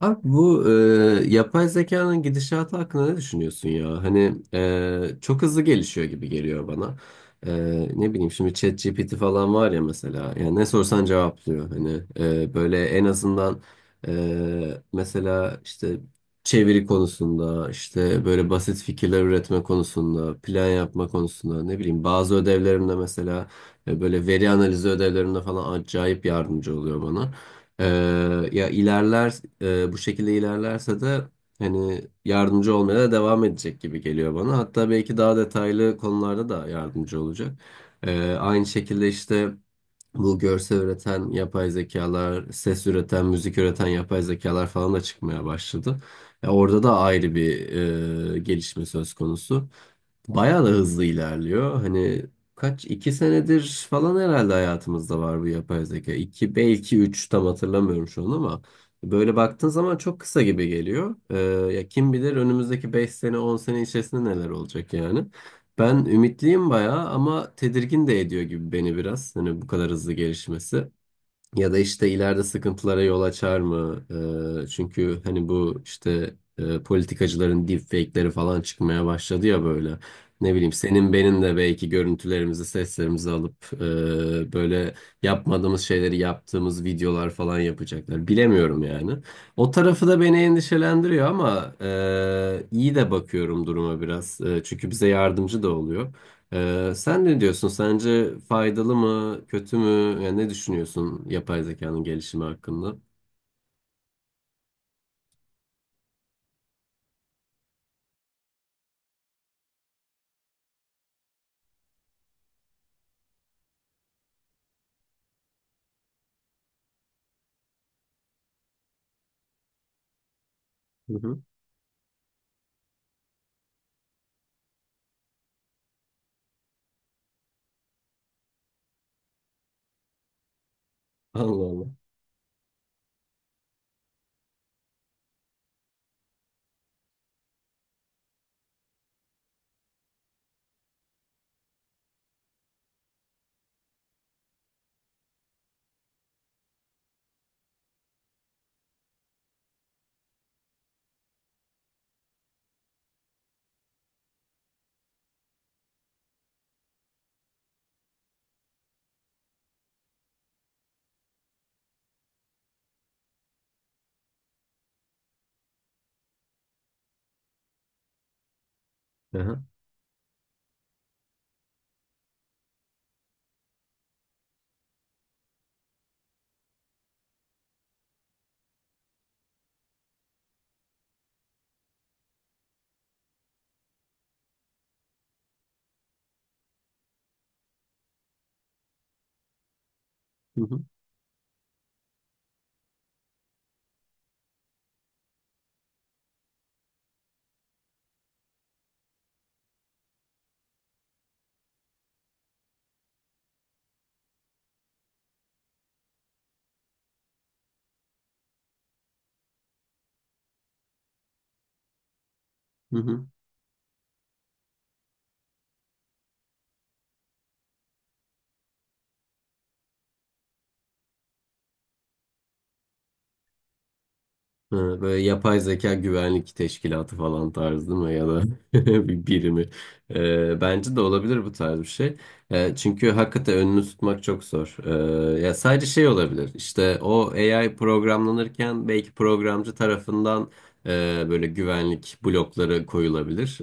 Abi bu yapay zekanın gidişatı hakkında ne düşünüyorsun ya? Hani çok hızlı gelişiyor gibi geliyor bana. E, Ne bileyim, şimdi ChatGPT falan var ya mesela. Yani ne sorsan cevaplıyor. Hani böyle en azından mesela işte çeviri konusunda, işte böyle basit fikirler üretme konusunda, plan yapma konusunda, ne bileyim bazı ödevlerimde mesela böyle veri analizi ödevlerimde falan acayip yardımcı oluyor bana. Ee, Ya ilerler, bu şekilde ilerlerse de hani yardımcı olmaya da devam edecek gibi geliyor bana. Hatta belki daha detaylı konularda da yardımcı olacak. Aynı şekilde işte bu görsel üreten yapay zekalar, ses üreten, müzik üreten yapay zekalar falan da çıkmaya başladı. Ya orada da ayrı bir gelişme söz konusu. Bayağı da hızlı ilerliyor. Hani kaç iki senedir falan herhalde hayatımızda var bu yapay zeka. İki belki üç, tam hatırlamıyorum şu an, ama böyle baktığın zaman çok kısa gibi geliyor. Ya kim bilir önümüzdeki beş sene on sene içerisinde neler olacak yani. Ben ümitliyim bayağı ama tedirgin de ediyor gibi beni biraz. Hani bu kadar hızlı gelişmesi. Ya da işte ileride sıkıntılara yol açar mı? Çünkü hani bu işte politikacıların deepfake'leri falan çıkmaya başladı ya böyle. Ne bileyim, senin benim de belki görüntülerimizi, seslerimizi alıp böyle yapmadığımız şeyleri yaptığımız videolar falan yapacaklar. Bilemiyorum yani. O tarafı da beni endişelendiriyor ama iyi de bakıyorum duruma biraz. Çünkü bize yardımcı da oluyor. Sen ne diyorsun? Sence faydalı mı, kötü mü? Yani ne düşünüyorsun yapay zekanın gelişimi hakkında? Hı hı. Allah Allah. Aha. Hı hı. Hı hı. Ha, böyle yapay zeka güvenlik teşkilatı falan tarzı değil mi? Ya da bir birimi. Bence de olabilir bu tarz bir şey. Çünkü hakikaten önünü tutmak çok zor. Ya sadece şey olabilir. İşte o AI programlanırken belki programcı tarafından böyle güvenlik blokları koyulabilir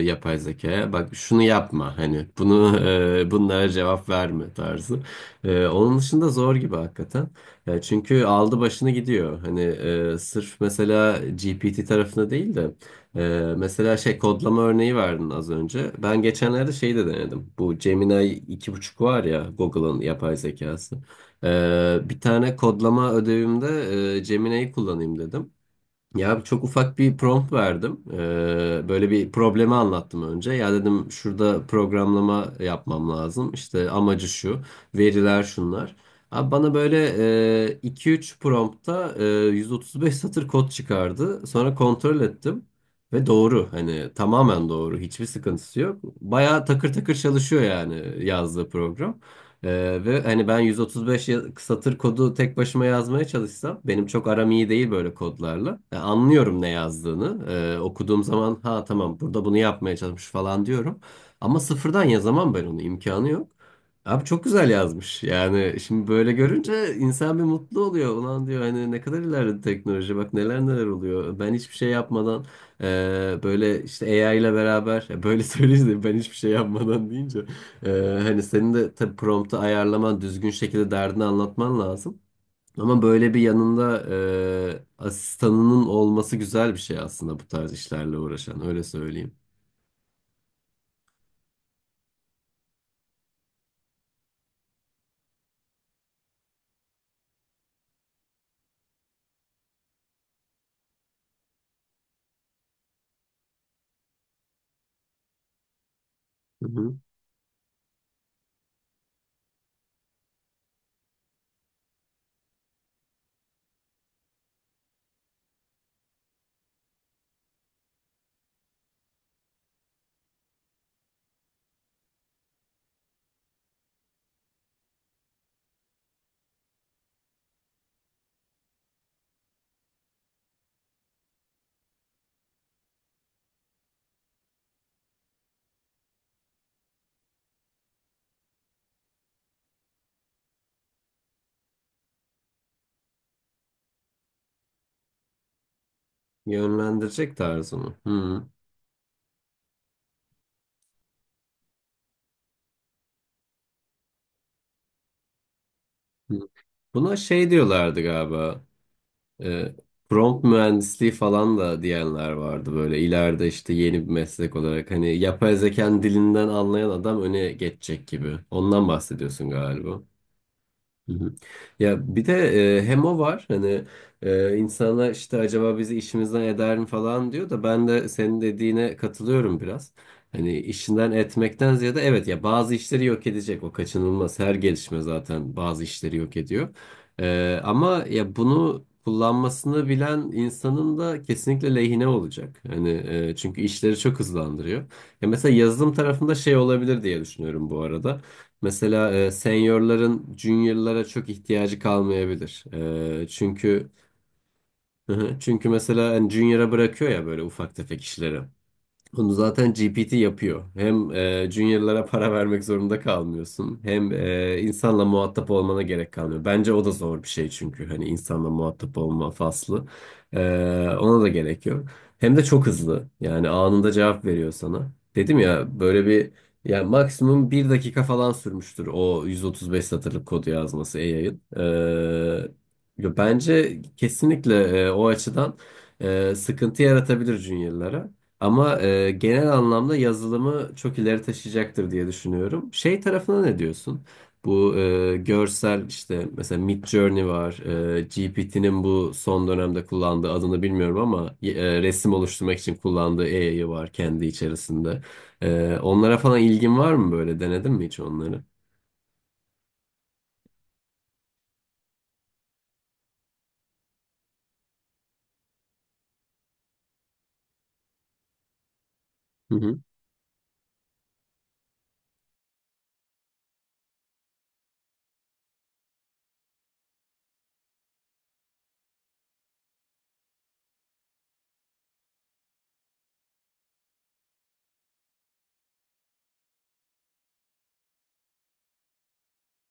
yapay zekaya. Bak şunu yapma, hani bunu bunlara cevap verme tarzı. E, onun dışında zor gibi hakikaten. Ya çünkü aldı başını gidiyor. Hani sırf mesela GPT tarafında değil de mesela şey, kodlama örneği verdin az önce. Ben geçenlerde şeyi de denedim. Bu Gemini iki buçuk var ya, Google'ın yapay zekası. E, bir tane kodlama ödevimde Gemini'yi kullanayım dedim. Ya çok ufak bir prompt verdim. Böyle bir problemi anlattım önce. Ya dedim, şurada programlama yapmam lazım. İşte amacı şu, veriler şunlar. Abi bana böyle iki üç promptta 135 satır kod çıkardı. Sonra kontrol ettim ve doğru. Hani tamamen doğru. Hiçbir sıkıntısı yok. Bayağı takır takır çalışıyor yani yazdığı program. Ve hani ben 135 satır kodu tek başıma yazmaya çalışsam, benim çok aram iyi değil böyle kodlarla. Yani anlıyorum ne yazdığını. Okuduğum zaman ha tamam, burada bunu yapmaya çalışmış falan diyorum. Ama sıfırdan yazamam ben onu, imkanı yok. Abi çok güzel yazmış. Yani şimdi böyle görünce insan bir mutlu oluyor. Ulan diyor, hani ne kadar ilerledi teknoloji, bak neler neler oluyor. Ben hiçbir şey yapmadan böyle işte AI ile beraber, ya böyle söyleyince de ben hiçbir şey yapmadan deyince ee, hani senin de tabii promptu ayarlaman, düzgün şekilde derdini anlatman lazım. Ama böyle bir yanında asistanının olması güzel bir şey aslında bu tarz işlerle uğraşan, öyle söyleyeyim. Hı hı. Yönlendirecek tarzı mı? Hı hı. Buna şey diyorlardı galiba. E, prompt mühendisliği falan da diyenler vardı, böyle ileride işte yeni bir meslek olarak, hani yapay zekanın dilinden anlayan adam öne geçecek gibi. Ondan bahsediyorsun galiba. Hı hı. Ya bir de hem o var, hani insana işte acaba bizi işimizden eder mi falan diyor da, ben de senin dediğine katılıyorum biraz. Hani işinden etmekten ziyade, evet ya bazı işleri yok edecek, o kaçınılmaz, her gelişme zaten bazı işleri yok ediyor. Ama ya bunu kullanmasını bilen insanın da kesinlikle lehine olacak. Hani çünkü işleri çok hızlandırıyor. Ya mesela yazılım tarafında şey olabilir diye düşünüyorum bu arada. Mesela seniorların juniorlara çok ihtiyacı kalmayabilir. Çünkü çünkü mesela hani junior'a bırakıyor ya böyle ufak tefek işleri. Bunu zaten GPT yapıyor. Hem juniorlara para vermek zorunda kalmıyorsun, hem insanla muhatap olmana gerek kalmıyor. Bence o da zor bir şey, çünkü hani insanla muhatap olma faslı. E, Ona da gerek yok. Hem de çok hızlı. Yani anında cevap veriyor sana. Dedim ya, böyle bir, yani maksimum bir dakika falan sürmüştür o 135 satırlık kodu yazması AI'ın. Bence kesinlikle o açıdan sıkıntı yaratabilir juniorlara. Ama genel anlamda yazılımı çok ileri taşıyacaktır diye düşünüyorum. Şey tarafına ne diyorsun? Bu görsel işte mesela Midjourney var. GPT'nin bu son dönemde kullandığı adını bilmiyorum, ama resim oluşturmak için kullandığı AI'yı var kendi içerisinde. E, onlara falan ilgin var mı böyle? Denedin mi hiç onları? Hı hı.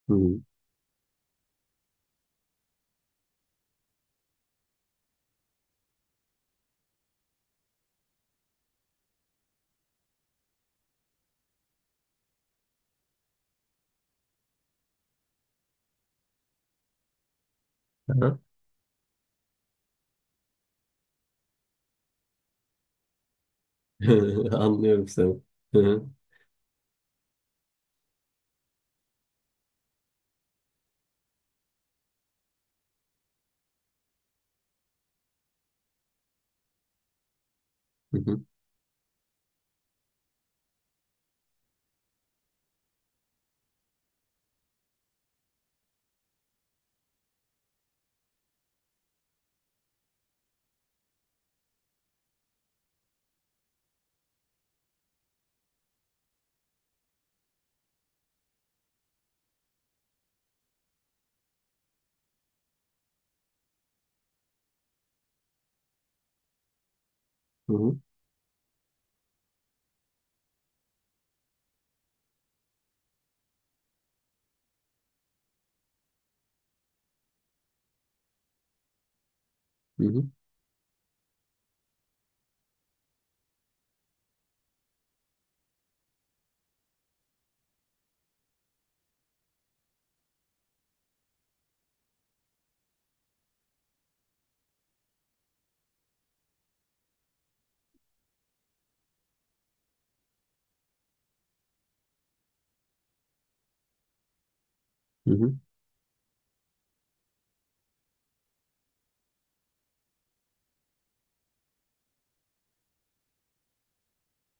Hı hı. Aha. Anlıyorum seni. Hı hı. Hı hı. Hı hı. Hı hı. Hı hı.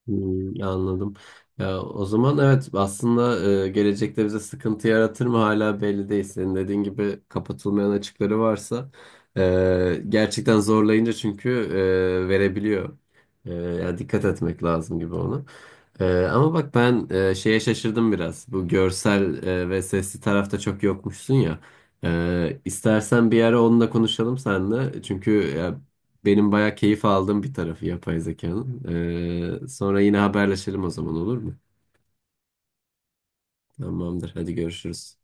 Hmm, anladım. Ya, o zaman evet, aslında gelecekte bize sıkıntı yaratır mı hala belli değil. Senin dediğin gibi kapatılmayan açıkları varsa gerçekten zorlayınca, çünkü verebiliyor. Ya dikkat etmek lazım gibi ona. Ama bak ben şeye şaşırdım biraz. Bu görsel ve sesli tarafta çok yokmuşsun ya. İstersen bir ara onunla konuşalım seninle. Çünkü benim bayağı keyif aldığım bir tarafı yapay zekanın. Sonra yine haberleşelim, o zaman olur mu? Tamamdır. Hadi görüşürüz.